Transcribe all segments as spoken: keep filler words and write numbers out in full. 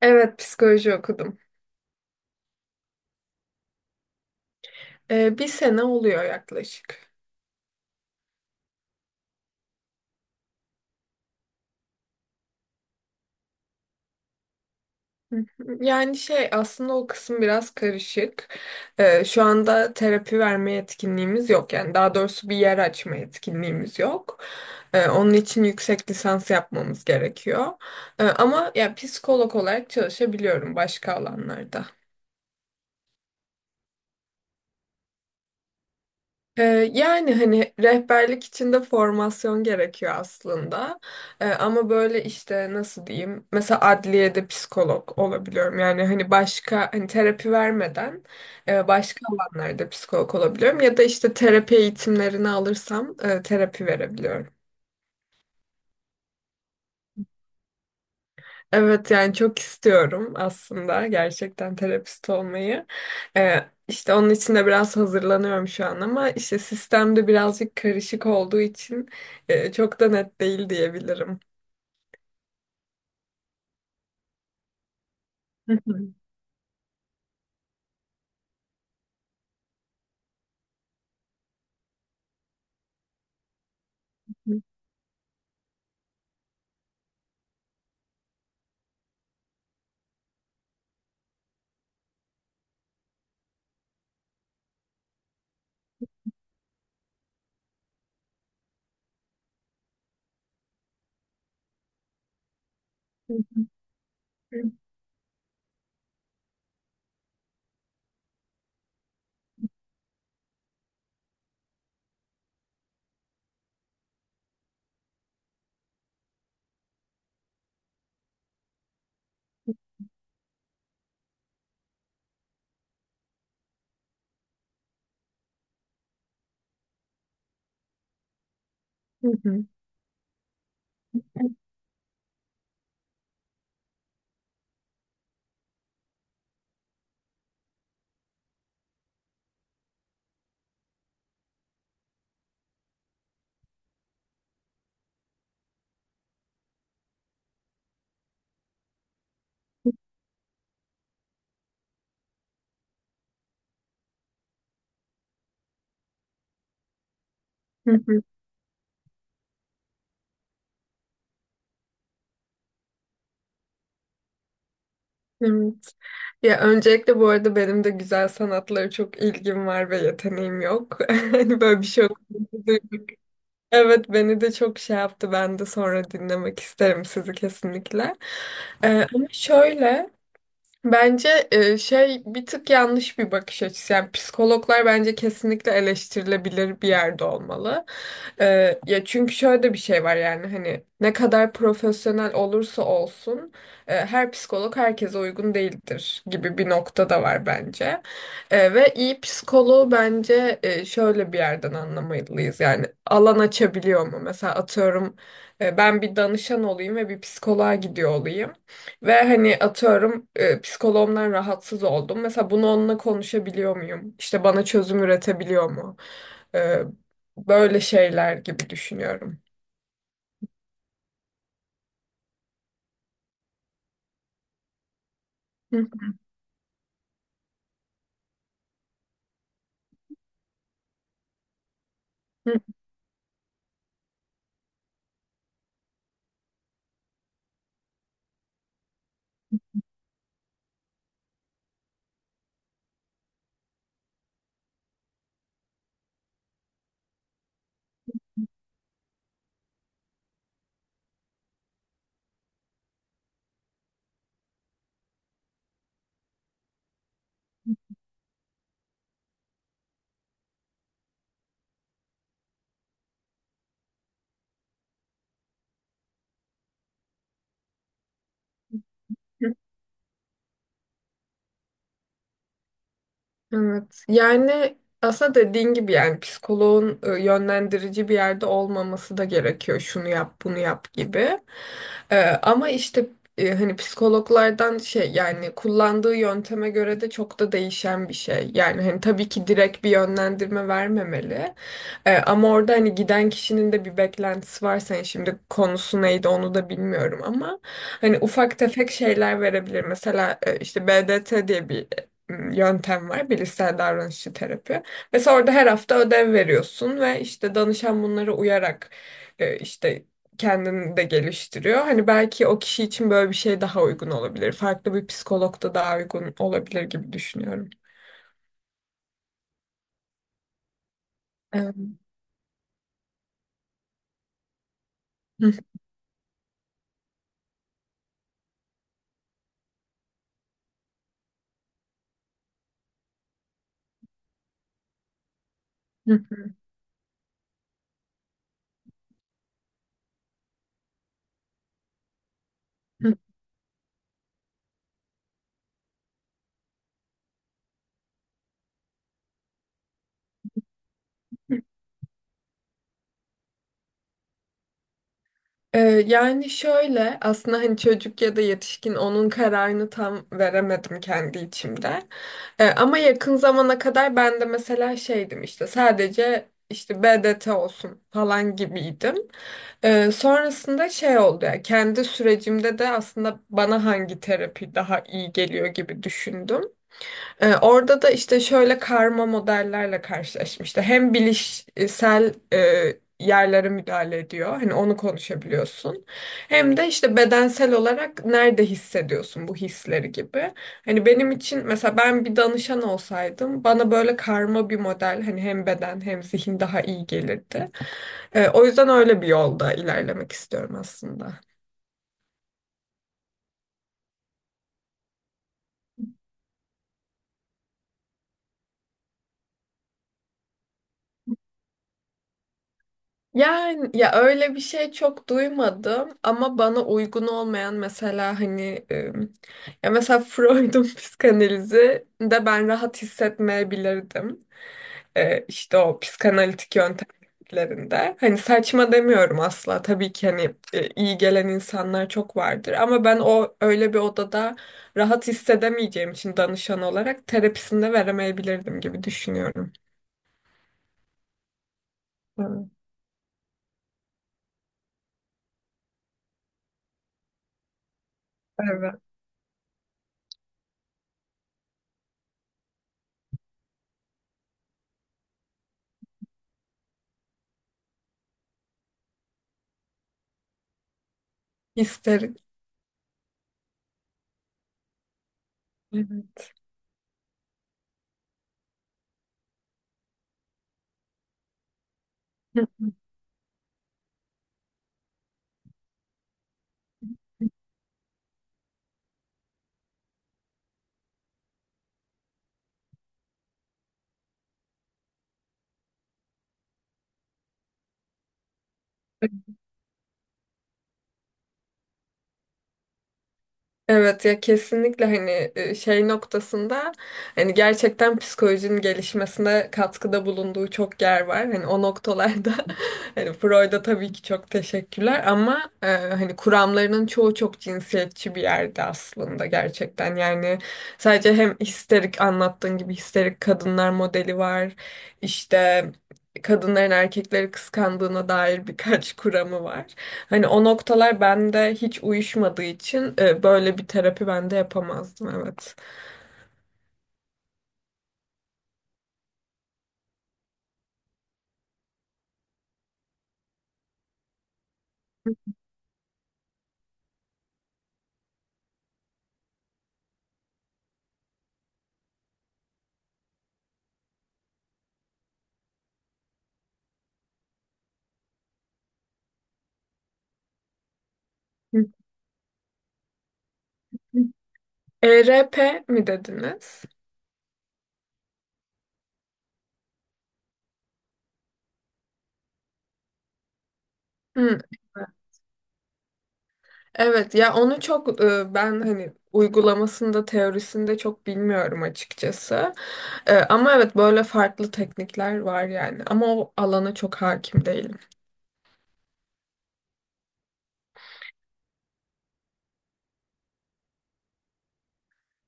Evet, psikoloji okudum. Ee, bir sene oluyor yaklaşık. Hı hı. Yani şey aslında o kısım biraz karışık. Ee, şu anda terapi verme yetkinliğimiz yok. Yani daha doğrusu bir yer açma yetkinliğimiz yok. Ee, onun için yüksek lisans yapmamız gerekiyor. Ee, ama ya psikolog olarak çalışabiliyorum başka alanlarda. Ee, yani hani rehberlik için de formasyon gerekiyor aslında. Ee, ama böyle işte nasıl diyeyim? Mesela adliyede psikolog olabiliyorum. Yani hani başka hani terapi vermeden e, başka alanlarda psikolog olabiliyorum. Ya da işte terapi eğitimlerini alırsam e, terapi verebiliyorum. Evet yani çok istiyorum aslında gerçekten terapist olmayı. Ee, işte onun için de biraz hazırlanıyorum şu an ama işte sistemde birazcık karışık olduğu için e, çok da net değil diyebilirim. Evet. Ya öncelikle bu arada benim de güzel sanatlara çok ilgim var ve yeteneğim yok. Hani böyle bir şey okudum. Evet beni de çok şey yaptı. Ben de sonra dinlemek isterim sizi kesinlikle. Ee, ama şöyle bence, e, şey bir tık yanlış bir bakış açısı. Yani psikologlar bence kesinlikle eleştirilebilir bir yerde olmalı. E, ya çünkü şöyle bir şey var yani hani ne kadar profesyonel olursa olsun e, her psikolog herkese uygun değildir gibi bir nokta da var bence. E, ve iyi psikoloğu bence e, şöyle bir yerden anlamalıyız. Yani alan açabiliyor mu? Mesela atıyorum e, ben bir danışan olayım ve bir psikoloğa gidiyor olayım. Ve hani atıyorum e, psikoloğumdan rahatsız oldum. Mesela bunu onunla konuşabiliyor muyum? İşte bana çözüm üretebiliyor mu? E, böyle şeyler gibi düşünüyorum. Hı hı. Evet. Yani aslında dediğin gibi yani psikoloğun e, yönlendirici bir yerde olmaması da gerekiyor. Şunu yap, bunu yap gibi. E, ama işte e, hani psikologlardan şey yani kullandığı yönteme göre de çok da değişen bir şey. Yani hani tabii ki direkt bir yönlendirme vermemeli. E, ama orada hani giden kişinin de bir beklentisi var. Sen şimdi konusu neydi onu da bilmiyorum ama hani ufak tefek şeyler verebilir. Mesela e, işte B D T diye bir yöntem var. Bilişsel davranışçı terapi. Mesela orada her hafta ödev veriyorsun ve işte danışan bunlara uyarak e, işte kendini de geliştiriyor. Hani belki o kişi için böyle bir şey daha uygun olabilir. Farklı bir psikolog da daha uygun olabilir gibi düşünüyorum. Evet. Ee, yani şöyle aslında hani çocuk ya da yetişkin onun kararını tam veremedim kendi içimde. Ee, ama yakın zamana kadar ben de mesela şeydim işte sadece işte B D T olsun falan gibiydim. Ee, sonrasında şey oldu ya kendi sürecimde de aslında bana hangi terapi daha iyi geliyor gibi düşündüm. Ee, orada da işte şöyle karma modellerle karşılaşmıştı. Hem bilişsel e, yerlere müdahale ediyor. Hani onu konuşabiliyorsun. Hem de işte bedensel olarak nerede hissediyorsun bu hisleri gibi. Hani benim için mesela ben bir danışan olsaydım bana böyle karma bir model hani hem beden hem zihin daha iyi gelirdi. Ee, o yüzden öyle bir yolda ilerlemek istiyorum aslında. Yani ya öyle bir şey çok duymadım ama bana uygun olmayan mesela hani e, ya mesela Freud'un psikanalizi de ben rahat hissetmeyebilirdim. E, işte o psikanalitik yöntemlerinde. Hani saçma demiyorum asla. Tabii ki hani e, iyi gelen insanlar çok vardır ama ben o öyle bir odada rahat hissedemeyeceğim için danışan olarak terapisinde veremeyebilirdim gibi düşünüyorum. Evet. Evet. İsterim. Evet. Evet ya kesinlikle hani e, şey noktasında hani gerçekten psikolojinin gelişmesine katkıda bulunduğu çok yer var. Hani o noktalarda hani Freud'a tabii ki çok teşekkürler ama e, hani kuramlarının çoğu çok cinsiyetçi bir yerde aslında gerçekten. Yani sadece hem histerik anlattığın gibi histerik kadınlar modeli var. İşte kadınların erkekleri kıskandığına dair birkaç kuramı var. Hani o noktalar bende hiç uyuşmadığı için e, böyle bir terapi bende yapamazdım evet. Hı hı. E R P mi dediniz? Hı. Evet ya onu çok e, ben hani uygulamasında teorisinde çok bilmiyorum açıkçası. E, Ama evet böyle farklı teknikler var yani ama o alana çok hakim değilim.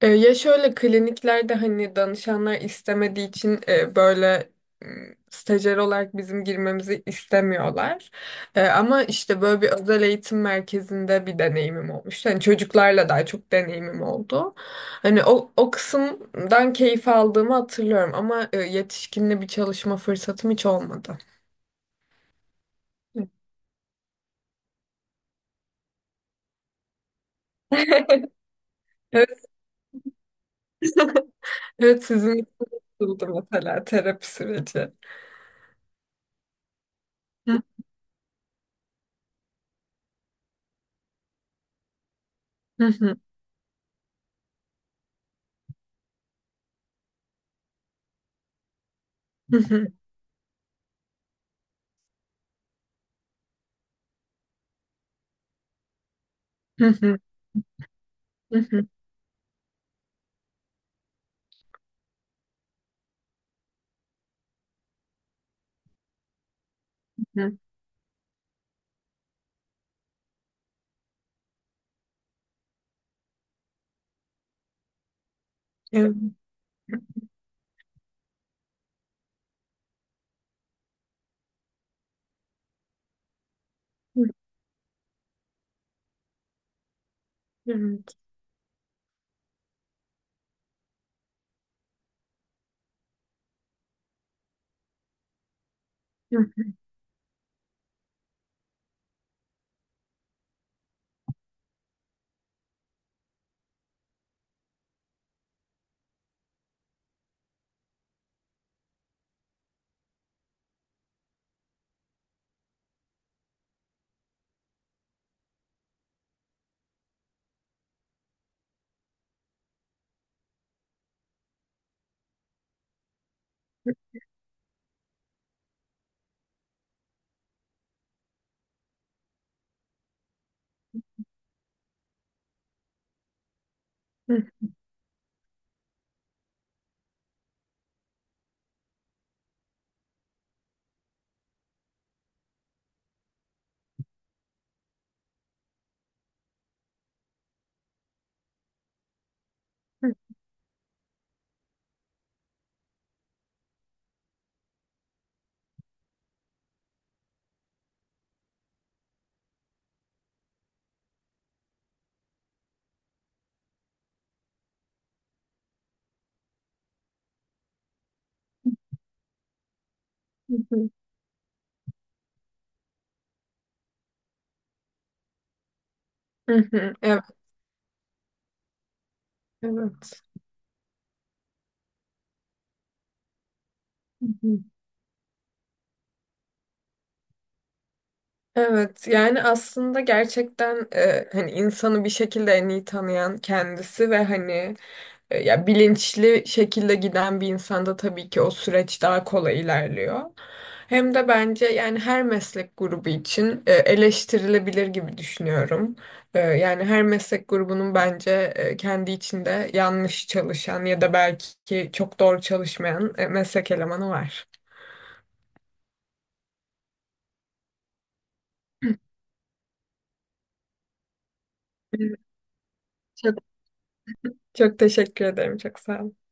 E, ya şöyle kliniklerde hani danışanlar istemediği için e, böyle m, stajyer olarak bizim girmemizi istemiyorlar. E, ama işte böyle bir özel eğitim merkezinde bir deneyimim olmuştu. Hani çocuklarla daha çok deneyimim oldu. Hani o, o kısımdan keyif aldığımı hatırlıyorum ama e, yetişkinle bir çalışma fırsatım hiç olmadı. Evet, evet sizin için nasıldı mesela terapi süreci? Hı hı hı hı hı hı hı hı hı. Evet. Evet. Evet, evet. Evet, yani aslında gerçekten e, hani insanı bir şekilde en iyi tanıyan kendisi ve hani, E, ya bilinçli şekilde giden bir insanda tabii ki o süreç daha kolay ilerliyor. Hem de bence yani her meslek grubu için e, eleştirilebilir gibi düşünüyorum. E, Yani her meslek grubunun bence e, kendi içinde yanlış çalışan ya da belki çok doğru çalışmayan e, meslek elemanı var. Çok, çok teşekkür ederim. Çok sağ olun.